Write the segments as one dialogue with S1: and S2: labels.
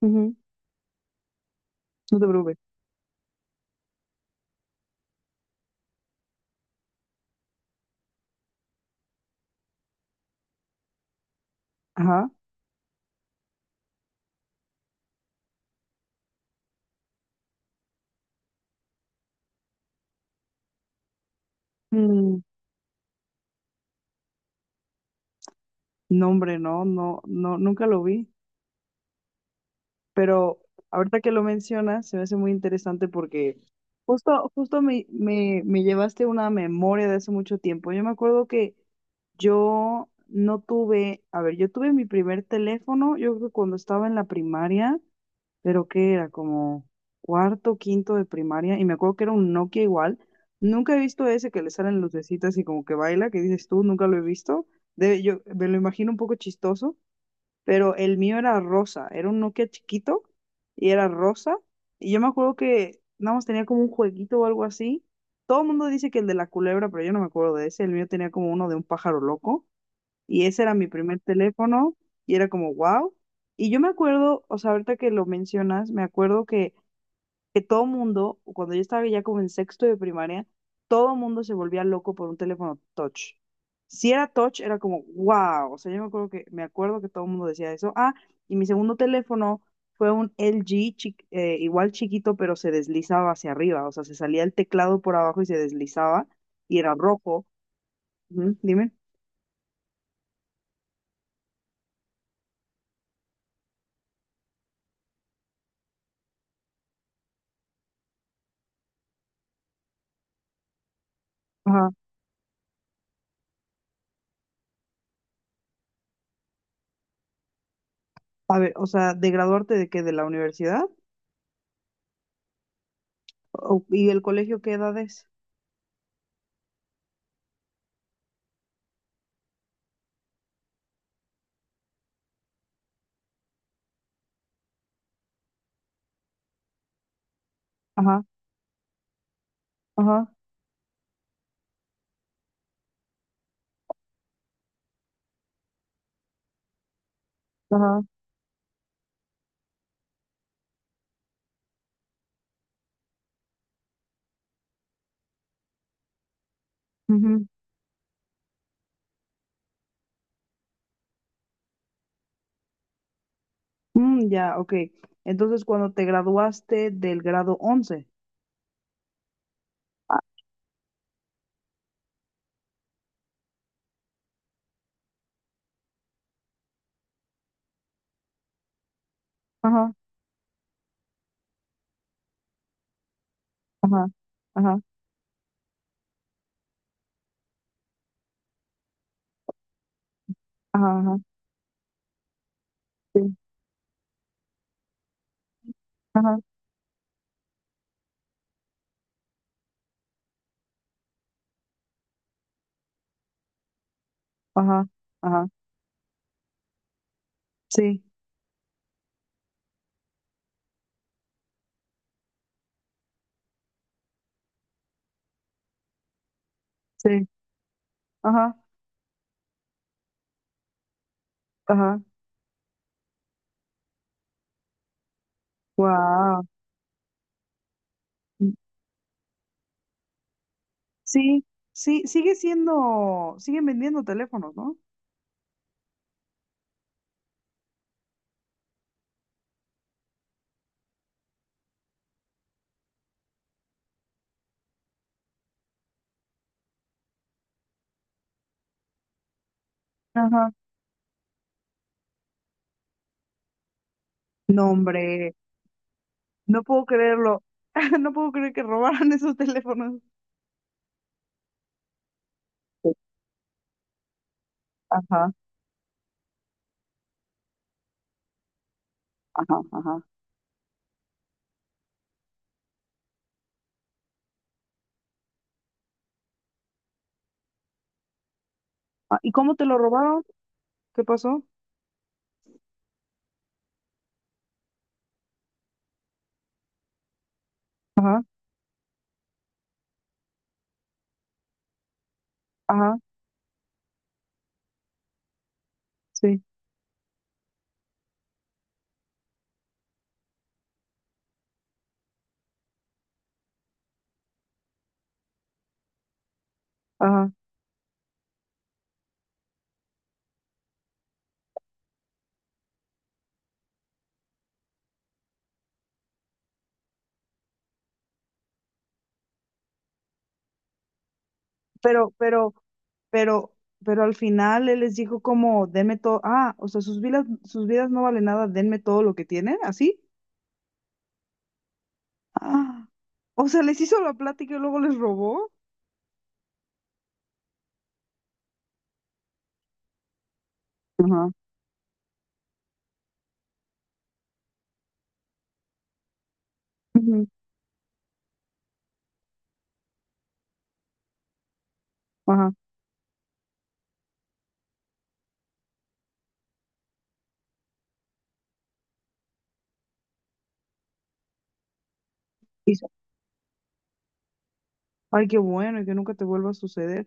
S1: Ujú. No te preocupes. Ajá. Mm, no, hombre, no, no, no, nunca lo vi. Pero ahorita que lo mencionas, se me hace muy interesante porque justo me llevaste una memoria de hace mucho tiempo. Yo me acuerdo que yo no tuve, a ver, yo tuve mi primer teléfono, yo creo que cuando estaba en la primaria, pero que era como cuarto, quinto de primaria, y me acuerdo que era un Nokia igual. Nunca he visto ese que le salen lucecitas y como que baila, que dices tú, nunca lo he visto. De Yo me lo imagino un poco chistoso, pero el mío era rosa, era un Nokia chiquito y era rosa. Y yo me acuerdo que nada más tenía como un jueguito o algo así. Todo el mundo dice que el de la culebra, pero yo no me acuerdo de ese. El mío tenía como uno de un pájaro loco. Y ese era mi primer teléfono y era como, wow. Y yo me acuerdo, o sea, ahorita que lo mencionas, que todo mundo, cuando yo estaba ya como en sexto de primaria, todo mundo se volvía loco por un teléfono touch. Si era touch, era como, wow. O sea, yo me acuerdo que todo el mundo decía eso. Ah, y mi segundo teléfono fue un LG, igual chiquito, pero se deslizaba hacia arriba. O sea, se salía el teclado por abajo y se deslizaba y era rojo. Ujú, dime. A ver, o sea, ¿de graduarte de qué? ¿De la universidad? O- ¿y el colegio qué edad es? Ajá, ajá, ajá. Ujú. Mm, ya, ok. Entonces, cuando te graduaste del grado once. Ah. Ajá, ajá, ajá, ajá, ajá, sí, ajá, ajá, ajá, sí, sí, ajá, ajá, wow. Sí, sí, sigue siendo, siguen vendiendo teléfonos, ¿no? Ajá. No, hombre, no puedo creerlo. No puedo creer que robaran esos teléfonos. Ajá, ajá, ajá. Ah, ¿y cómo te lo robaron? ¿Qué pasó? Ajá, ajá, sí, ajá. Pero, pero, pero, pero al final él les dijo como, denme todo, ah, o sea, sus vidas no valen nada, denme todo lo que tienen, ¿así? Ah, o sea, les hizo la plática y luego les robó. Ajá, ujú, ajá. Ay, qué bueno, y que nunca te vuelva a suceder.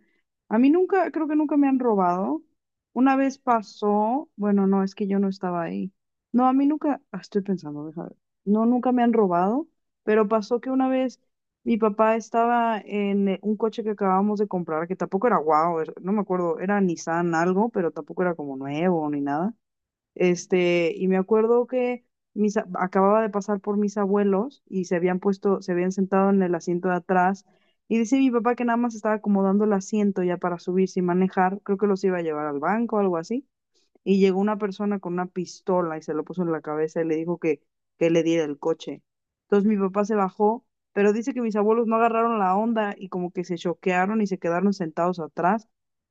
S1: A mí nunca, creo que nunca me han robado. Una vez pasó, bueno, no, es que yo no estaba ahí. No, a mí nunca, ah, estoy pensando, deja ver. No, nunca me han robado, pero pasó que una vez mi papá estaba en un coche que acabábamos de comprar, que tampoco era guau, no me acuerdo, era Nissan algo, pero tampoco era como nuevo ni nada. Este, y me acuerdo que acababa de pasar por mis abuelos y se habían puesto, se habían sentado en el asiento de atrás. Y dice mi papá que nada más estaba acomodando el asiento ya para subirse y manejar. Creo que los iba a llevar al banco o algo así. Y llegó una persona con una pistola y se lo puso en la cabeza y le dijo que, le diera el coche. Entonces mi papá se bajó, pero dice que mis abuelos no agarraron la onda y como que se choquearon y se quedaron sentados atrás.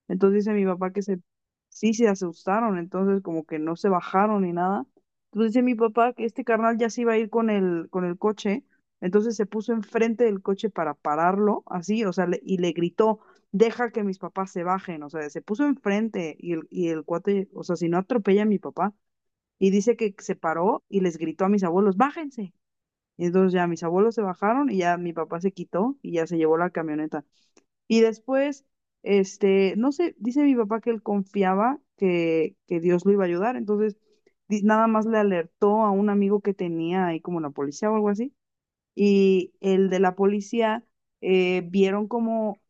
S1: Entonces dice mi papá que sí se asustaron, entonces como que no se bajaron ni nada. Entonces dice mi papá que este carnal ya se iba a ir con el coche, entonces se puso enfrente del coche para pararlo, así, o sea, y le gritó deja que mis papás se bajen, o sea, se puso enfrente y el cuate, o sea, si no atropella a mi papá, y dice que se paró y les gritó a mis abuelos, bájense. Y entonces ya mis abuelos se bajaron y ya mi papá se quitó y ya se llevó la camioneta. Y después, este, no sé, dice mi papá que él confiaba que Dios lo iba a ayudar, entonces nada más le alertó a un amigo que tenía ahí como la policía o algo así, y el de la policía vieron como,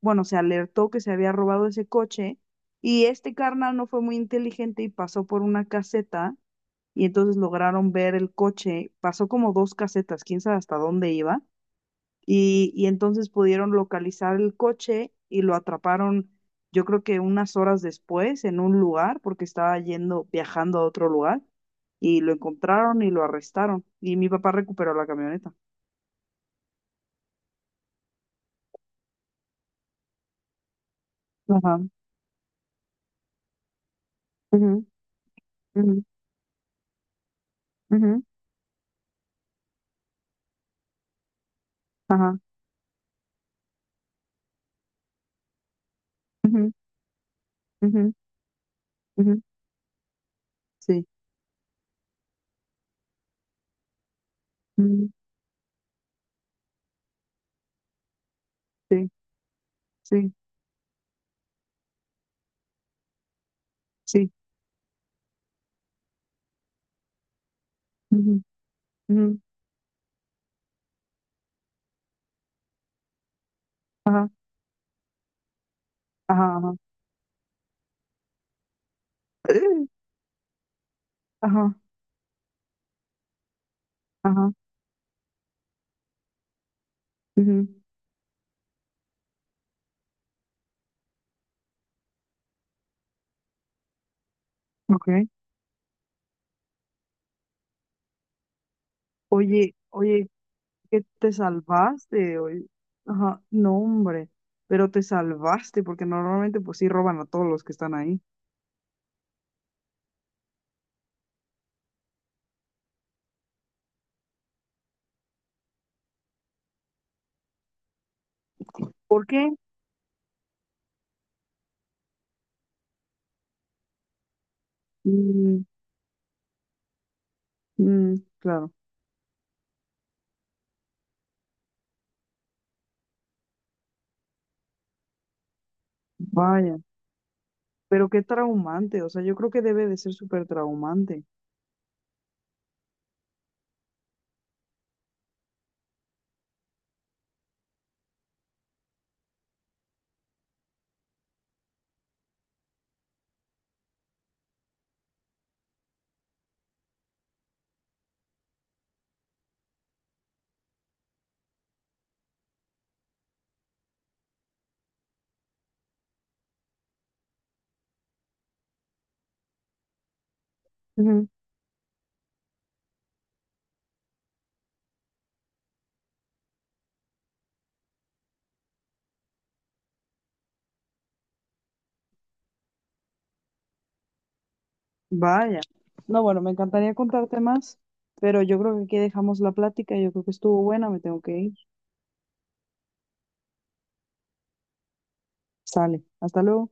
S1: bueno, se alertó que se había robado ese coche y este carnal no fue muy inteligente y pasó por una caseta y entonces lograron ver el coche, pasó como dos casetas, quién sabe hasta dónde iba y entonces pudieron localizar el coche y lo atraparon. Yo creo que unas horas después en un lugar, porque estaba yendo, viajando a otro lugar, y lo encontraron y lo arrestaron. Y mi papá recuperó la camioneta. Ajá. Ujú. Ujú, ujú, ajá, ujú, ujú, ujú, sí, ujú, sí, sí, sí, ujú, ujú, ajá, ajá, ajá, ¡eh! Ajá, ajá, ujú, okay. Oye, oye, que te salvaste, oye. Ajá, no, hombre, pero te salvaste, porque normalmente pues sí roban a todos los que están ahí. ¿Por qué? Mm, mm, claro. Vaya, pero qué traumante, o sea, yo creo que debe de ser súper traumante. Vaya. No, bueno, me encantaría contarte más, pero yo creo que aquí dejamos la plática. Yo creo que estuvo buena, me tengo que ir. Sale. Hasta luego.